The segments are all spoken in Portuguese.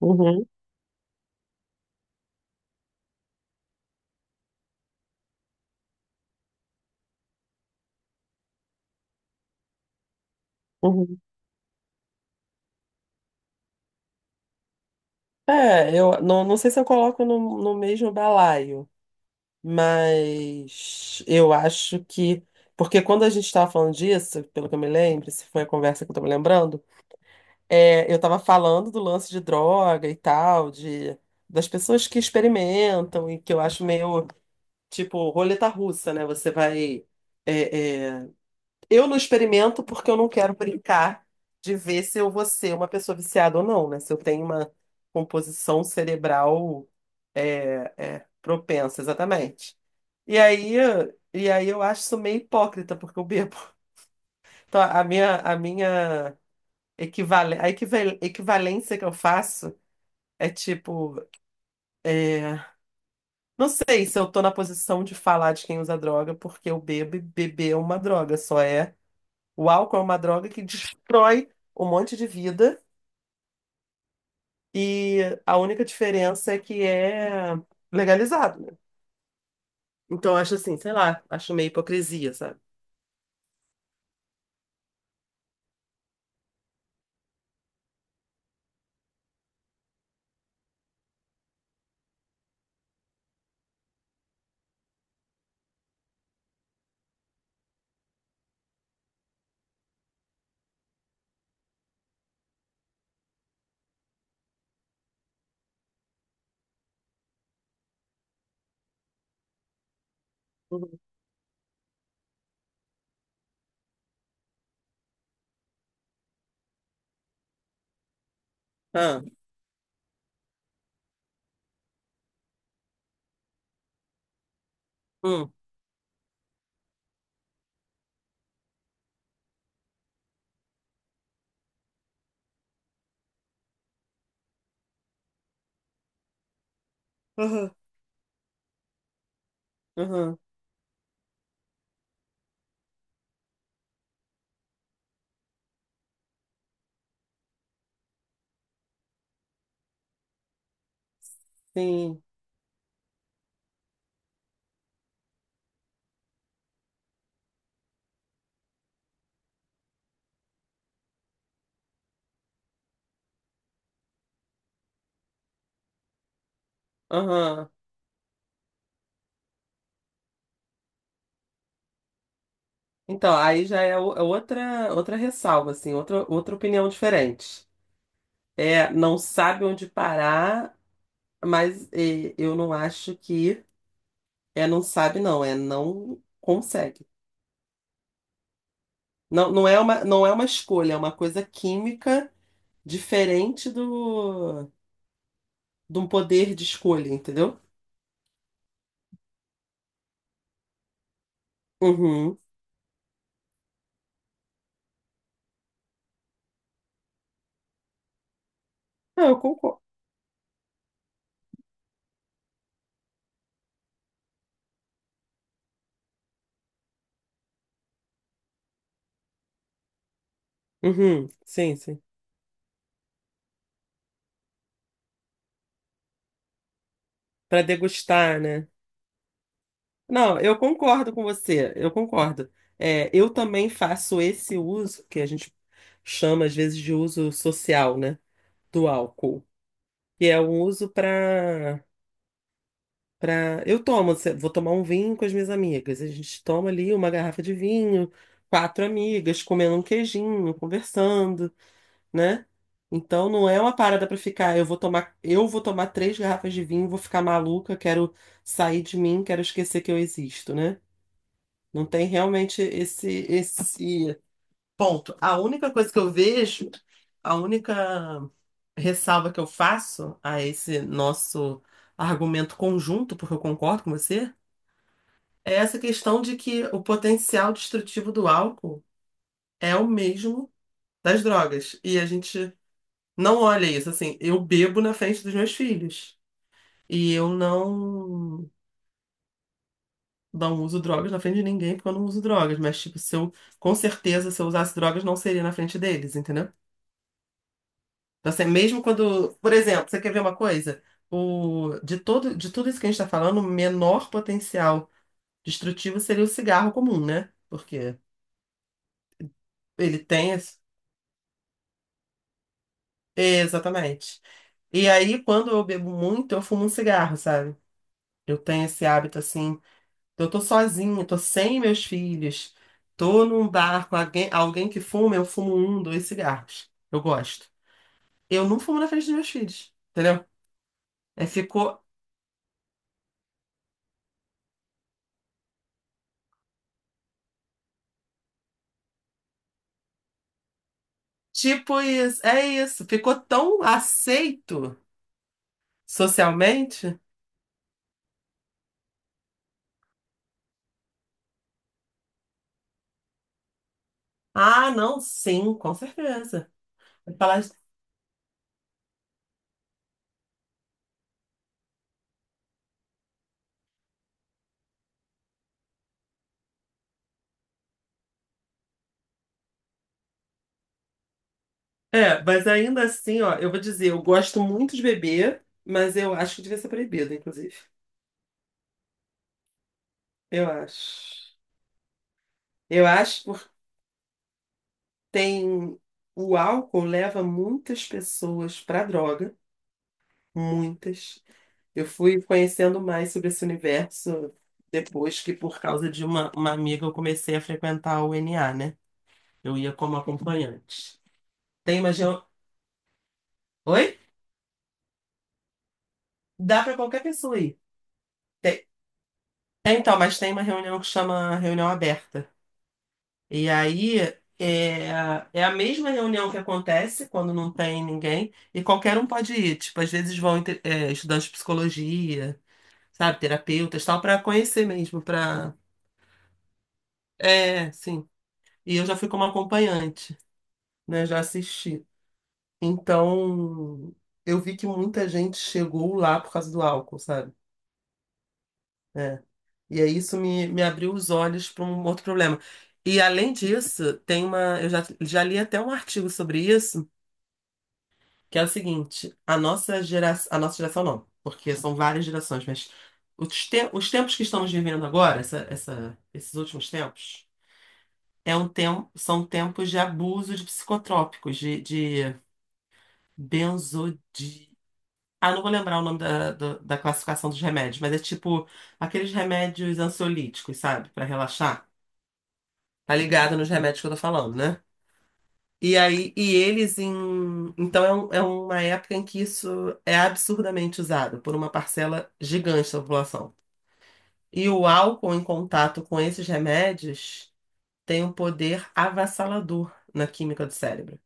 Uhum, uhum. É, eu não sei se eu coloco no mesmo balaio, mas eu acho que. Porque quando a gente estava falando disso, pelo que eu me lembro, se foi a conversa que eu estou me lembrando, eu estava falando do lance de droga e tal, das pessoas que experimentam e que eu acho meio tipo roleta russa, né? Você vai. é, é, Eu não experimento porque eu não quero brincar de ver se eu vou ser uma pessoa viciada ou não, né? Se eu tenho uma composição cerebral propensa, exatamente. E aí, e aí, eu acho isso meio hipócrita, porque eu bebo. Então, a minha equivalência que eu faço é tipo, é, não sei se eu tô na posição de falar de quem usa droga, porque eu bebo e beber é uma droga, só é. O álcool é uma droga que destrói um monte de vida e a única diferença é que é legalizado, né? Então, eu acho assim, sei lá, acho meio hipocrisia, sabe? Uhum. Ah, hum. Uhum. Uhum. Sim. Uhum. Então, aí já é é outra ressalva, assim, outra opinião diferente. É, não sabe onde parar, mas eu não acho que é não sabe, não, é não consegue. Não, não é uma escolha, é uma coisa química diferente de um poder de escolha, entendeu? Uhum. Não, eu concordo. Uhum. Sim, sim. Para degustar, né? Não, eu concordo com você, eu concordo. É, eu também faço esse uso, que a gente chama às vezes de uso social, né? Do álcool. Que é um uso para Eu tomo, vou tomar um vinho com as minhas amigas. A gente toma ali uma garrafa de vinho, quatro amigas, comendo um queijinho, conversando, né? Então não é uma parada pra ficar, eu vou tomar três garrafas de vinho, vou ficar maluca, quero sair de mim, quero esquecer que eu existo, né? Não tem realmente esse ponto. A única coisa que eu vejo, a única ressalva que eu faço a esse nosso argumento conjunto, porque eu concordo com você, é essa questão de que o potencial destrutivo do álcool é o mesmo das drogas. E a gente não olha isso. Assim, eu bebo na frente dos meus filhos. E eu não uso drogas na frente de ninguém porque eu não uso drogas. Mas, tipo, se eu, com certeza, se eu usasse drogas, não seria na frente deles, entendeu? Então, assim, mesmo quando. Por exemplo, você quer ver uma coisa? O, de todo, de tudo isso que a gente está falando, o menor potencial destrutivo seria o cigarro comum, né? Porque ele tem. Exatamente. E aí, quando eu bebo muito, eu fumo um cigarro, sabe? Eu tenho esse hábito assim. Eu tô sozinha, tô sem meus filhos, tô num bar com alguém, alguém que fuma, eu fumo um, dois cigarros. Eu gosto. Eu não fumo na frente dos meus filhos, entendeu? É, ficou tipo isso, é isso. Ficou tão aceito socialmente. Ah, não, sim, com certeza. Vai Falar... É, mas ainda assim, ó, eu vou dizer, eu gosto muito de beber, mas eu acho que devia ser proibido, inclusive. Eu acho. Eu acho porque tem. O álcool leva muitas pessoas para droga, muitas. Eu fui conhecendo mais sobre esse universo depois que, por causa de uma amiga, eu comecei a frequentar o NA, né? Eu ia como acompanhante. Tem uma. Oi? Dá para qualquer pessoa ir. Tem- Então, mas tem uma reunião que chama reunião aberta. E aí é, é a mesma reunião que acontece quando não tem ninguém, e qualquer um pode ir. Tipo, às vezes vão estudantes de psicologia, sabe, terapeutas, tal, para conhecer mesmo, para. É, sim. E eu já fui como acompanhante, né? Já assisti. Então, eu vi que muita gente chegou lá por causa do álcool, sabe? É. E aí isso me abriu os olhos para um outro problema. E além disso, tem uma. Eu já li até um artigo sobre isso. Que é o seguinte, a nossa geração não, porque são várias gerações, mas os tempos que estamos vivendo agora, esses últimos tempos, é um tem- são tempos de abuso de psicotrópicos, benzodi... Ah, não vou lembrar o nome da, da classificação dos remédios, mas é tipo aqueles remédios ansiolíticos, sabe? Pra relaxar. Tá ligado nos remédios que eu tô falando, né? E aí, e eles em. Então é uma época em que isso é absurdamente usado por uma parcela gigante da população. E o álcool em contato com esses remédios tem um poder avassalador na química do cérebro.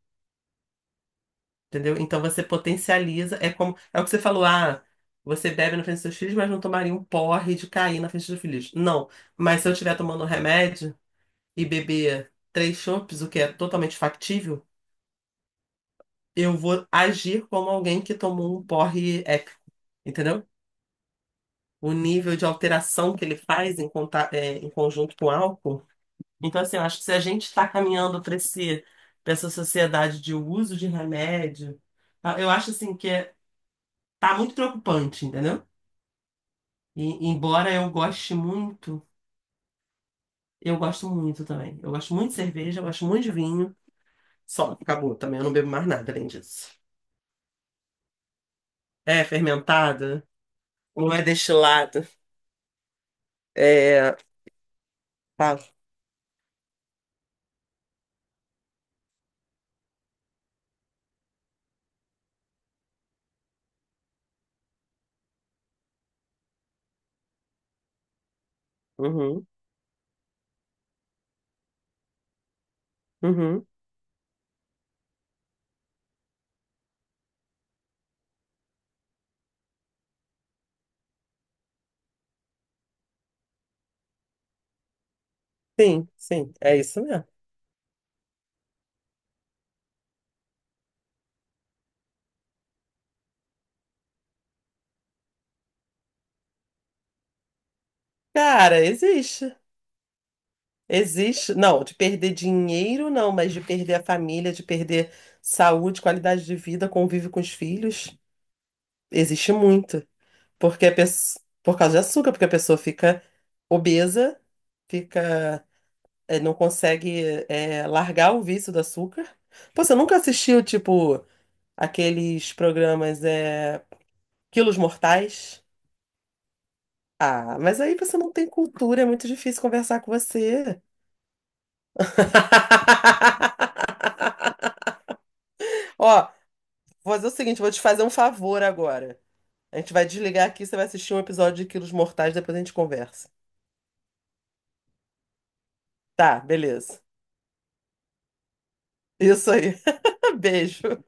Entendeu? Então você potencializa. É como. É o que você falou, ah, você bebe na frente dos seus filhos, mas não tomaria um porre de cair na frente dos filhos. Não. Mas se eu estiver tomando um remédio e beber três chopes, o que é totalmente factível. Eu vou agir como alguém que tomou um porre épico, entendeu? O nível de alteração que ele faz em conjunto com o álcool. Então, assim, eu acho que se a gente está caminhando para para essa sociedade de uso de remédio, tá? Eu acho assim que tá muito preocupante, entendeu? E, embora eu goste muito, eu gosto muito também. Eu gosto muito de cerveja, eu gosto muito de vinho. Só, acabou também, eu não bebo mais nada além disso. É fermentada, não é destilado. É, fala. Uhum, uhum. Sim, sim, é isso mesmo. Cara, existe. Existe. Não, de perder dinheiro, não, mas de perder a família, de perder saúde, qualidade de vida, convívio com os filhos, existe muito. Porque a pessoa, por causa de açúcar, porque a pessoa fica obesa, fica, não consegue, largar o vício do açúcar. Pô, você nunca assistiu, tipo, aqueles programas, é, Quilos Mortais? Ah, mas aí você não tem cultura, é muito difícil conversar com você. Ó, vou fazer o seguinte, vou te fazer um favor agora. A gente vai desligar aqui, você vai assistir um episódio de Quilos Mortais, depois a gente conversa. Tá, beleza. Isso aí. Beijo.